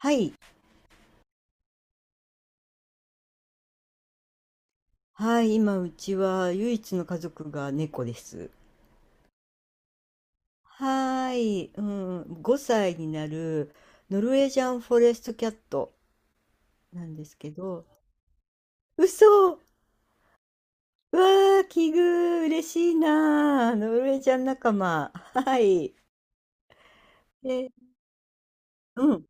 はい。はい。今、うちは唯一の家族が猫です。はーい。うん。5歳になるノルウェージャンフォレストキャットなんですけど、嘘わー、奇遇、嬉しいなー。ノルウェージャン仲間。はい。え、うん。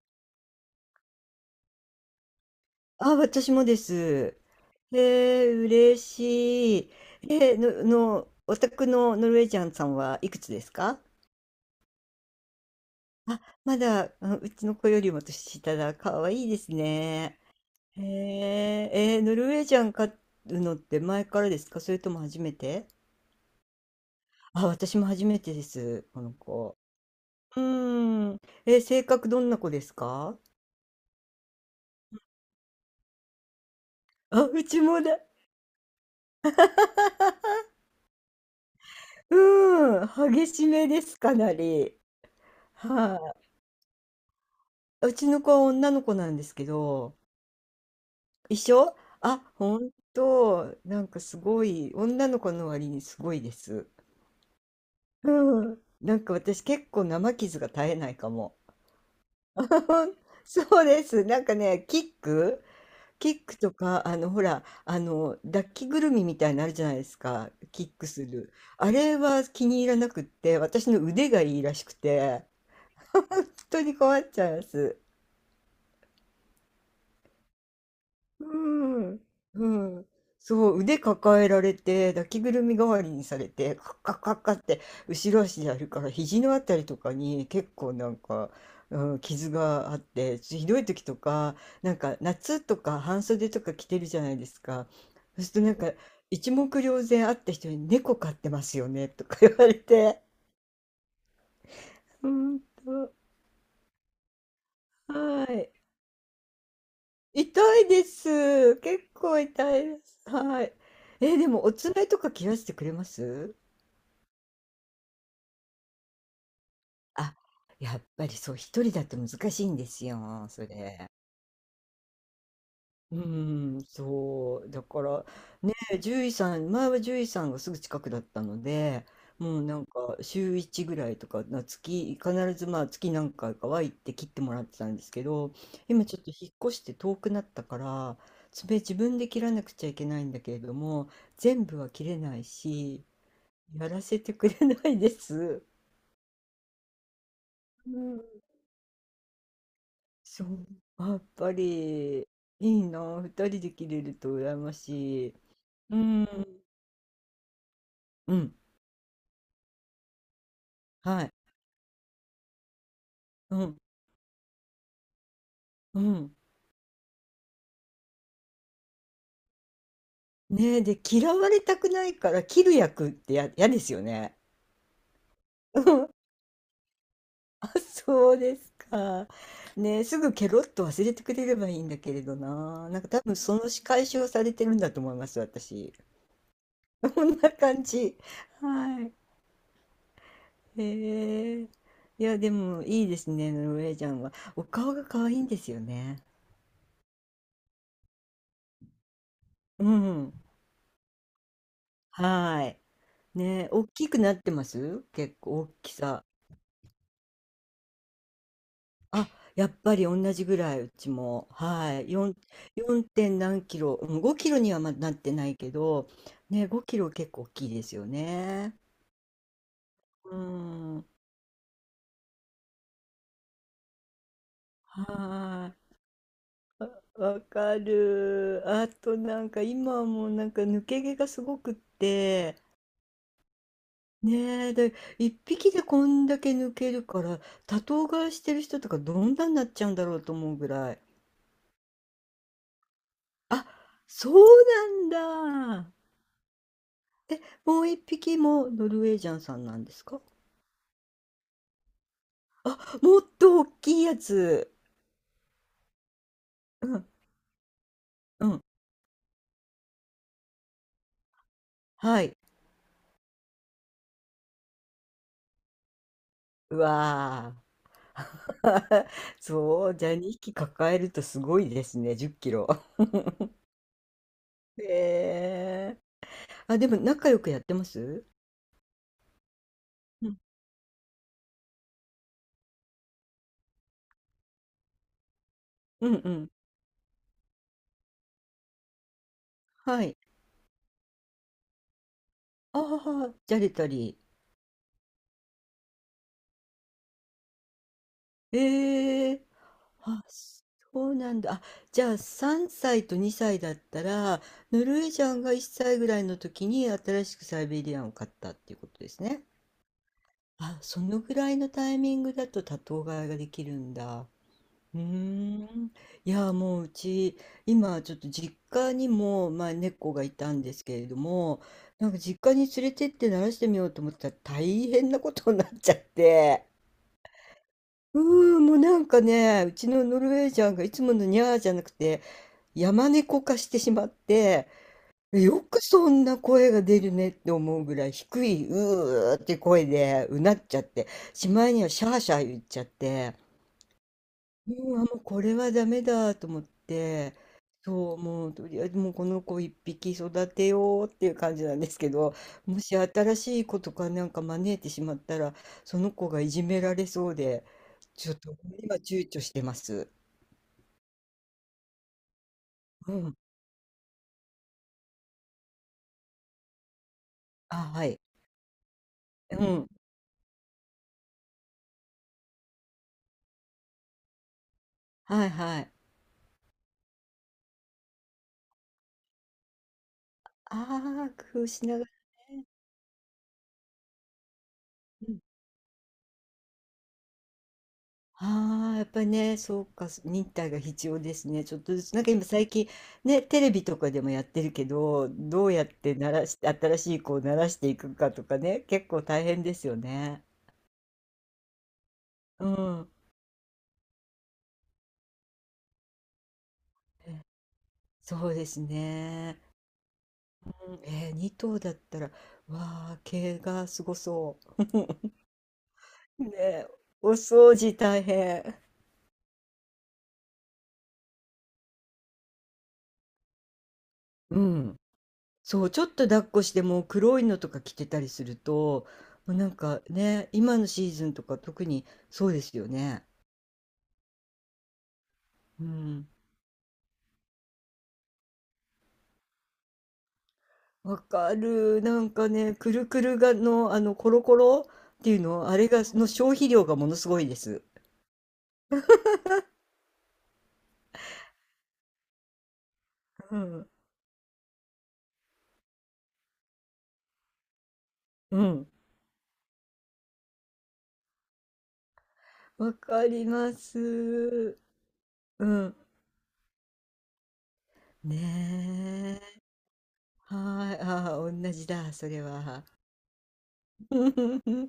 あ、私もです。えー、嬉しい。えー、の、の、お宅のノルウェージャンさんはいくつですか？あ、まだ、あ、うちの子よりも年下だ。可愛いいですね。へえ、ノルウェージャン飼うのって前からですかそれとも初めて？あ、私も初めてです、この子。うーん。性格どんな子ですか？あ、うちもだ。うーん。激しめです、かなり。はい、うちの子は女の子なんですけど、一緒。あ、ほんと、なんかすごい、女の子の割にすごいです。うん。なんか私結構生傷が絶えないかも。そうです。なんかね、キックとか、ほら、抱きぐるみみたいになるじゃないですか。キックする。あれは気に入らなくって、私の腕がいいらしくて、人に困っちゃいます。うん。うん。そう、腕抱えられて、抱きぐるみ代わりにされて、カッカッカッカッって後ろ足でやるから、肘のあたりとかに結構なんか、うん、傷があって、ひどい時とか、なんか夏とか半袖とか着てるじゃないですか。そうするとなんか、一目瞭然。会った人に猫飼ってますよねとか言われて。うんと、はい。痛いです。結構痛いです。はい。え、でもお爪とか切らしてくれます？あ、やっぱりそう、一人だと難しいんですよ、それ。うん、そう。だから、ね、獣医さん、前は獣医さんがすぐ近くだったので、もうなんか週1ぐらいとか、必ずまあ月何回かは行って切ってもらってたんですけど、今ちょっと引っ越して遠くなったから、爪自分で切らなくちゃいけないんだけれども、全部は切れないし、やらせてくれないです。うん、そう、やっぱりいいな、二人で切れると羨ましい。うん。うん、はい。うん。うん。ねえ、で、嫌われたくないから切る役ってや嫌ですよね。うん。あ、そうですか。ねえ、すぐケロッと忘れてくれればいいんだけれどな。なんか多分その仕返しをされてるんだと思います、私。こんな感じ。はい。へえ。いや、でもいいですね、ノルウェージャンは。お顔が可愛いんですよね。うん。はい。ねえ、大きくなってます？結構大きさ。あ、やっぱり同じぐらい、うちも。はい。4点何キロ、うん、5キロにはまだなってないけど、ね、5キロ結構大きいですよね。うん。はい。わかる。あとなんか今はもうなんか抜け毛がすごくって、ねえ、で、一匹でこんだけ抜けるから、多頭飼いしてる人とかどんなになっちゃうんだろうと思うぐらい。あ、そうなんだ。え、もう一匹もノルウェージャンさんなんですか？もっと大きいやつ。うん、うん。はい。うわー。そう、じゃあ2匹抱えるとすごいですね、10キロ。へえ。あ、でも仲良くやってます？うん、うん、うん。はい。ああ、じゃれたり。ええ。あ、そうなんだ。あ、じゃあ3歳と2歳だったら、ノルウェージャンが1歳ぐらいの時に新しくサイベリアンを買ったっていうことですね。あ、そのぐらいのタイミングだと多頭飼いができるんだ。うーん。いや、もううち、今ちょっと実家にも、まあ、猫がいたんですけれども、なんか実家に連れてって慣らしてみようと思ったら大変なことになっちゃって。うーん、もうなんかね、うちのノルウェージャンがいつものニャーじゃなくて、山猫化してしまって、よくそんな声が出るねって思うぐらい低い、うーって声でうなっちゃって、しまいにはシャーシャー言っちゃって、うわ、もうこれはダメだと思って、そう、もうとりあえずもうこの子一匹育てようっていう感じなんですけど、もし新しい子とかなんか招いてしまったら、その子がいじめられそうで、ちょっと今躊躇してます。うん。あ、はい。うん。はいはい。ああ、工夫しながらね。うん。ああ、やっぱりね、そうか、忍耐が必要ですね。ちょっとずつ、なんか今最近、ね、テレビとかでもやってるけど、どうやって鳴らして、新しい子を鳴らしていくかとかね、結構大変ですよね。うん。そうですね。うん。2頭だったら、わあ、毛がすごそう。ねえ、お掃除大変。うん。そう、ちょっと抱っこしてもう黒いのとか着てたりすると、もうなんかね、今のシーズンとか特にそうですよね。うん。わかる。なんかね、くるくるがの、コロコロっていうの、あれが、の消費量がものすごいです。うん。うん。わかります。うん。ねえ。はい。ああ、同じだ、それは。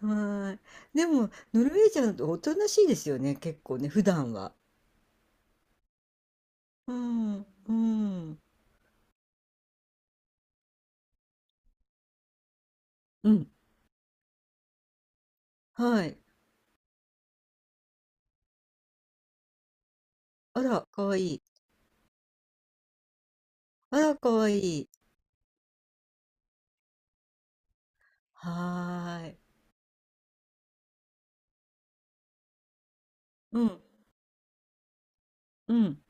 はい。でも、ノルウェージャンっておとなしいですよね、結構ね、普段は。うん、うん、うん、はい。あら、かわいい。あら、かわいい。はーい。うん、うん、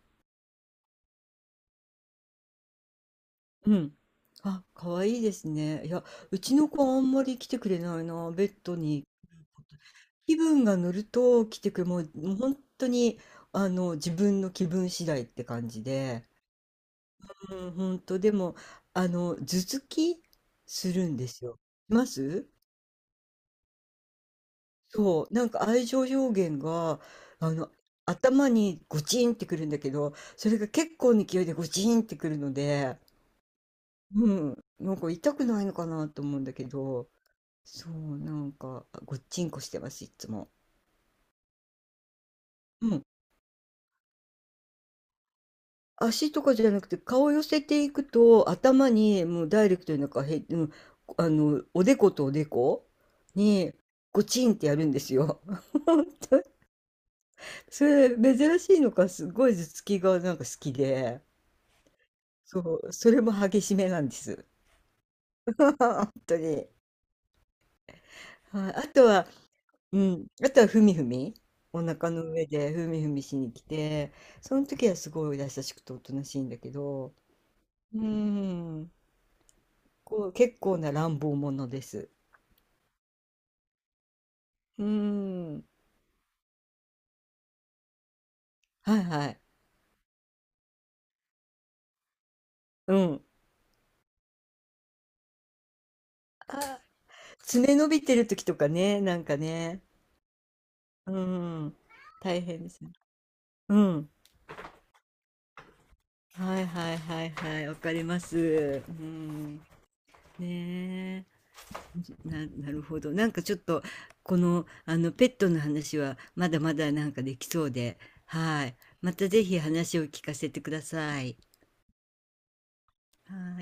うん。あ、かわいいですね。いや、うちの子あんまり来てくれないな、ベッドに。気分が乗ると来てくれ、もう、もう本当に、あの、自分の気分次第って感じで。うん、本当でも、あの、頭突きするんですよ。います。そう、なんか愛情表現が、あの、頭にゴチンってくるんだけど、それが結構な勢いでゴチンってくるので、うん、なんか痛くないのかなと思うんだけど、そう、なんか、ごっちんこしてます、いつも。うん。足とかじゃなくて、顔を寄せていくと、頭にもうダイレクトになんかうん、おでことおでこに、ゴチンってやるんですよ。それ、珍しいのか、すごい頭突きがなんか好きで。そう、それも激しめなんです。本当とに。はい、あとはうん、あとはふみふみ、お腹の上でふみふみしに来て、その時はすごい優しくておとなしいんだけど、うーん、こう、結構な乱暴者です。うーん。はいはい。うん。あ、爪伸びてる時とかね、なんかね、うーん、大変ですね。うん。はいはいはいはい、わかります。うん、ねえ。なるほど。なんかちょっと、この、ペットの話は、まだまだなんかできそうで、はい。またぜひ話を聞かせてください。い。